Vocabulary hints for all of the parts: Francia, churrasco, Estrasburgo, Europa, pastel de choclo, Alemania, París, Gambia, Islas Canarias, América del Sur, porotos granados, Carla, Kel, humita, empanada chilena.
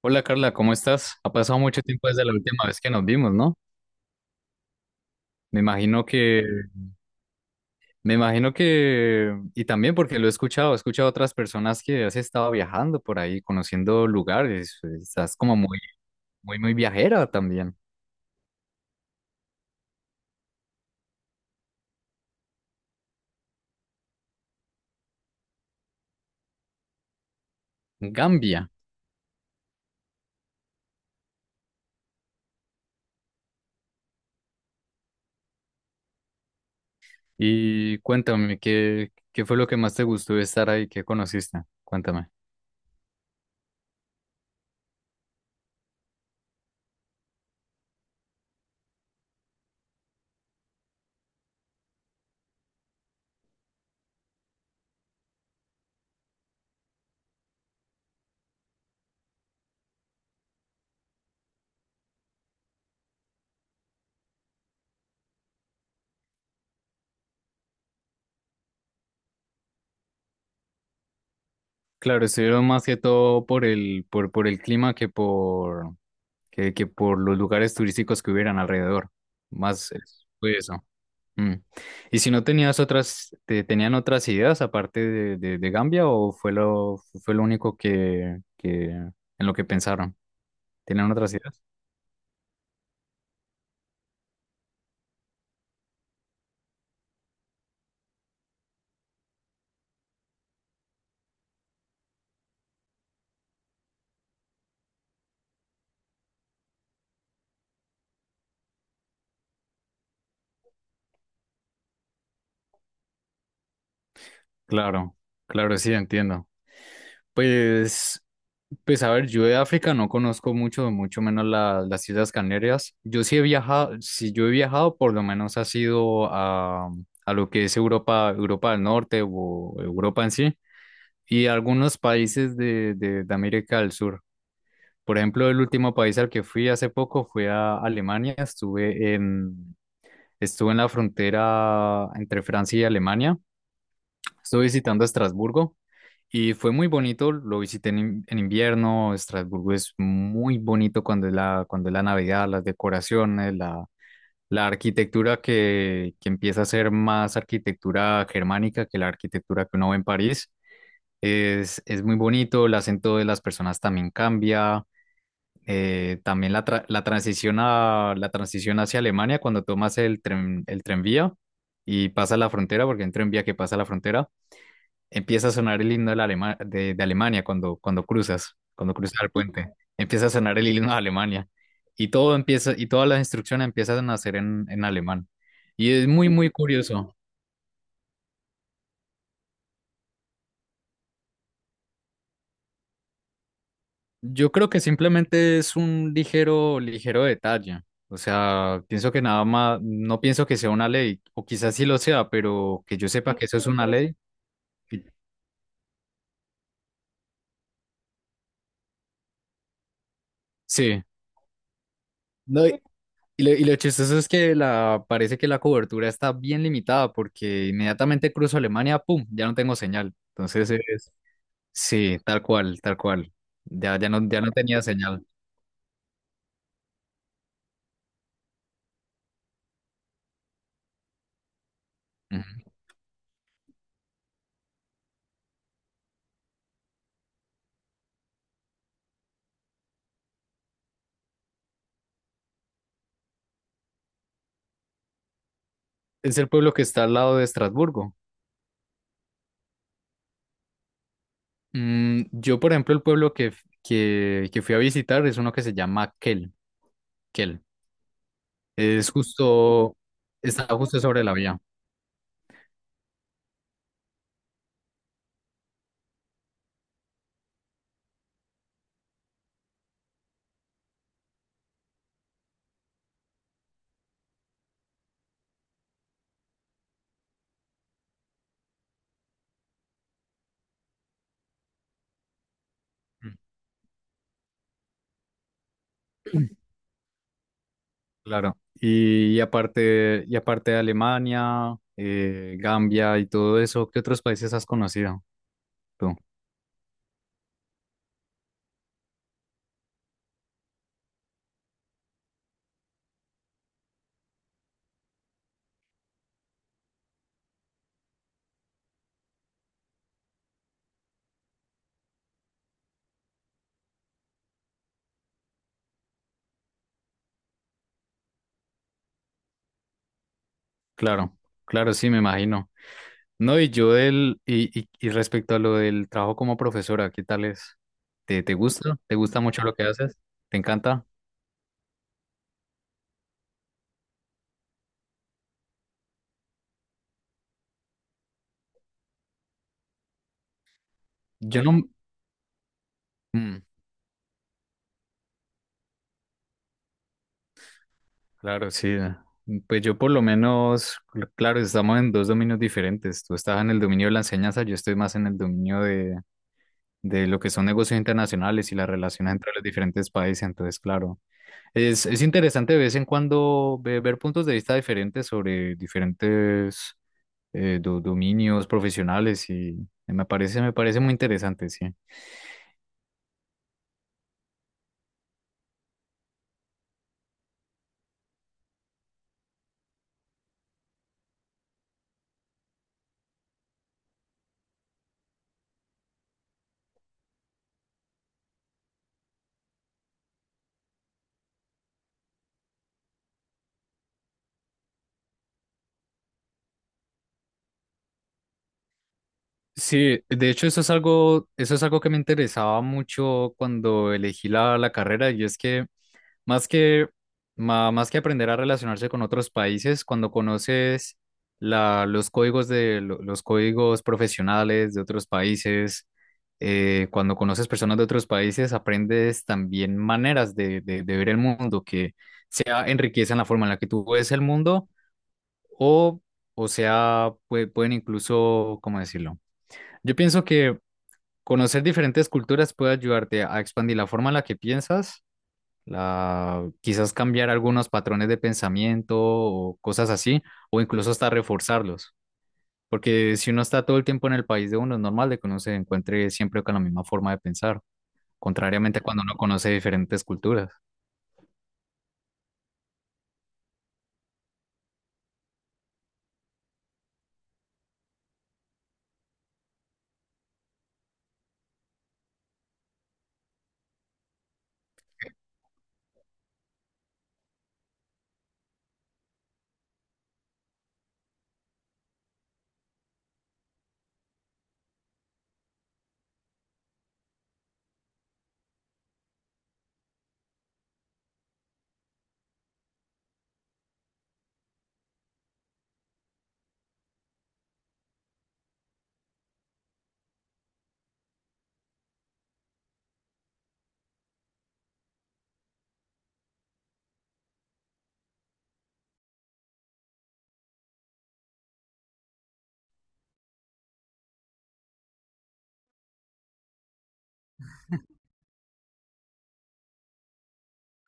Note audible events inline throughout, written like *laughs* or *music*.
Hola Carla, ¿cómo estás? Ha pasado mucho tiempo desde la última vez que nos vimos, ¿no? Me imagino que, me imagino que, y también porque lo he escuchado a otras personas que has estado viajando por ahí, conociendo lugares, estás como muy viajera también, Gambia. Y cuéntame, ¿qué fue lo que más te gustó de estar ahí? ¿Qué conociste? Cuéntame. Claro, estuvieron más que todo por el clima que por, que, que por los lugares turísticos que hubieran alrededor. Más fue eso. Mm. ¿Y si no tenías otras, tenían otras ideas aparte de Gambia o fue lo único en lo que pensaron? ¿Tenían otras ideas? Claro, claro, sí, entiendo. Pues, pues a ver, yo de África no conozco mucho, mucho menos las Islas Canarias. Yo sí he viajado, si yo he viajado, por lo menos ha sido a lo que es Europa, Europa del Norte o Europa en sí, y algunos países de América del Sur. Por ejemplo, el último país al que fui hace poco fue a Alemania. Estuve en la frontera entre Francia y Alemania. Estuve visitando Estrasburgo y fue muy bonito. Lo visité en invierno. Estrasburgo es muy bonito cuando es la Navidad, las decoraciones, la arquitectura que empieza a ser más arquitectura germánica que la arquitectura que uno ve en París. Es muy bonito, el acento de las personas también cambia, también la transición a, la transición hacia Alemania cuando tomas el tren, el tranvía y pasa la frontera, porque hay un tranvía que pasa la frontera, empieza a sonar el himno de, de Alemania cuando cruzas el puente, empieza a sonar el himno de Alemania y todo empieza, y todas las instrucciones empiezan a hacer en alemán. Y es muy, muy curioso. Yo creo que simplemente es un ligero, ligero detalle. O sea, pienso que nada más, no pienso que sea una ley, o quizás sí lo sea, pero que yo sepa que eso es una ley. Y- Sí. No, y lo chistoso es que la, parece que la cobertura está bien limitada porque inmediatamente cruzo Alemania, ¡pum! Ya no tengo señal. Entonces es, sí, tal cual, tal cual. Ya no, ya no tenía señal. Ujú. Es el pueblo que está al lado de Estrasburgo. Mm, yo, por ejemplo, el pueblo que fui a visitar es uno que se llama Kel, Kel. Es justo, está justo sobre la vía. Mm. Claro. Y aparte, y aparte de Alemania, Gambia y todo eso, ¿qué otros países has conocido tú? Claro, claro, sí, me imagino. No, y yo del, y respecto a lo del trabajo como profesora, ¿qué tal es? ¿Te gusta? ¿Te gusta mucho lo que haces? ¿Te encanta? Yo no, mm, claro, sí. Ah. Pues yo por lo menos, claro, estamos en dos dominios diferentes. Tú estás en el dominio de la enseñanza, yo estoy más en el dominio de lo que son negocios internacionales y las relaciones entre los diferentes países. Entonces, claro, es interesante de vez en cuando ver, puntos de vista diferentes sobre diferentes dominios profesionales y me parece muy interesante, sí. Sí, de hecho eso es algo que me interesaba mucho cuando elegí la carrera y es que más que, más que aprender a relacionarse con otros países, cuando conoces la, los códigos de lo- los códigos profesionales de otros países, cuando conoces personas de otros países, aprendes también maneras de ver el mundo que sea enriquecen la forma en la que tú ves el mundo o, o sea, pueden incluso, ¿cómo decirlo? Yo pienso que conocer diferentes culturas puede ayudarte a expandir la forma en la que piensas la, quizás cambiar algunos patrones de pensamiento o cosas así, o incluso hasta reforzarlos. Porque si uno está todo el tiempo en el país de uno, es normal de que uno se encuentre siempre con la misma forma de pensar, contrariamente a cuando uno conoce diferentes culturas.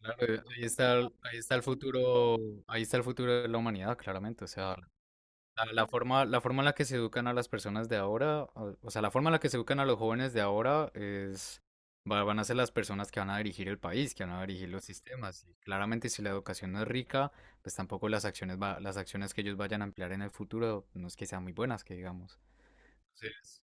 Claro, ahí está, ahí está el futuro, ahí está el futuro de la humanidad, claramente. O sea, la forma en la que se educan a las personas de ahora, o sea, la forma en la que se educan a los jóvenes de ahora es, van a ser las personas que van a dirigir el país, que van a dirigir los sistemas. Y claramente, si la educación no es rica, pues tampoco las acciones, las acciones que ellos vayan a emplear en el futuro no es que sean muy buenas, que digamos. Entonces,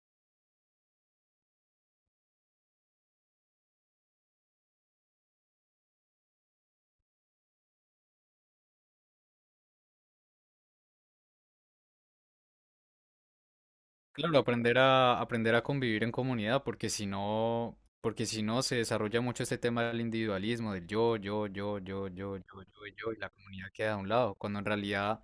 claro, aprender a, aprender a convivir en comunidad, porque si no se desarrolla mucho este tema del individualismo, del yo, yo, yo, yo, yo, yo, yo, yo, y la comunidad queda a un lado, cuando en realidad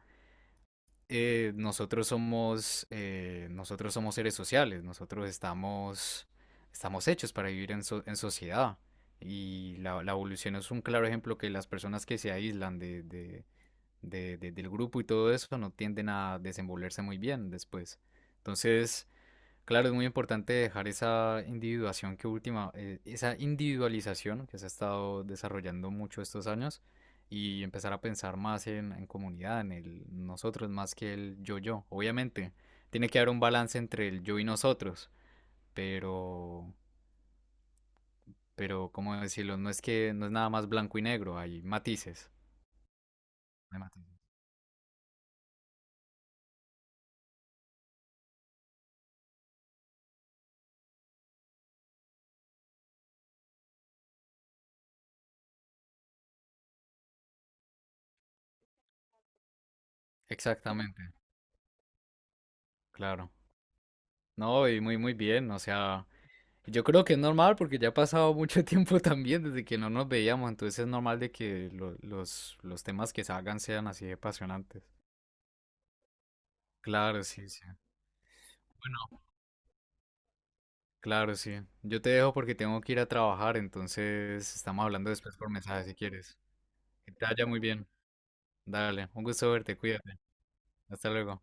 nosotros somos seres sociales, estamos hechos para vivir en sociedad. Y la evolución es un claro ejemplo que las personas que se aíslan del grupo y todo eso no tienden a desenvolverse muy bien después. Entonces, claro, es muy importante dejar esa individuación que última, esa individualización que se ha estado desarrollando mucho estos años y empezar a pensar más en comunidad, en el nosotros más que el yo-yo. Obviamente, tiene que haber un balance entre el yo y nosotros, pero, pero, ¿cómo decirlo? No es que no es nada más blanco y negro, hay matices. Hay matices. Exactamente, claro. No, y muy, muy bien, o sea. Yo creo que es normal porque ya ha pasado mucho *laughs* tiempo también desde que no nos veíamos, entonces es normal de que los temas que salgan sean así de apasionantes. Claro, sí, sí. Bueno, claro, sí. Yo te dejo porque tengo que ir a trabajar, entonces estamos hablando después por mensaje si quieres. Que te vaya muy bien. Dale, un gusto verte, cuídate. Hasta luego.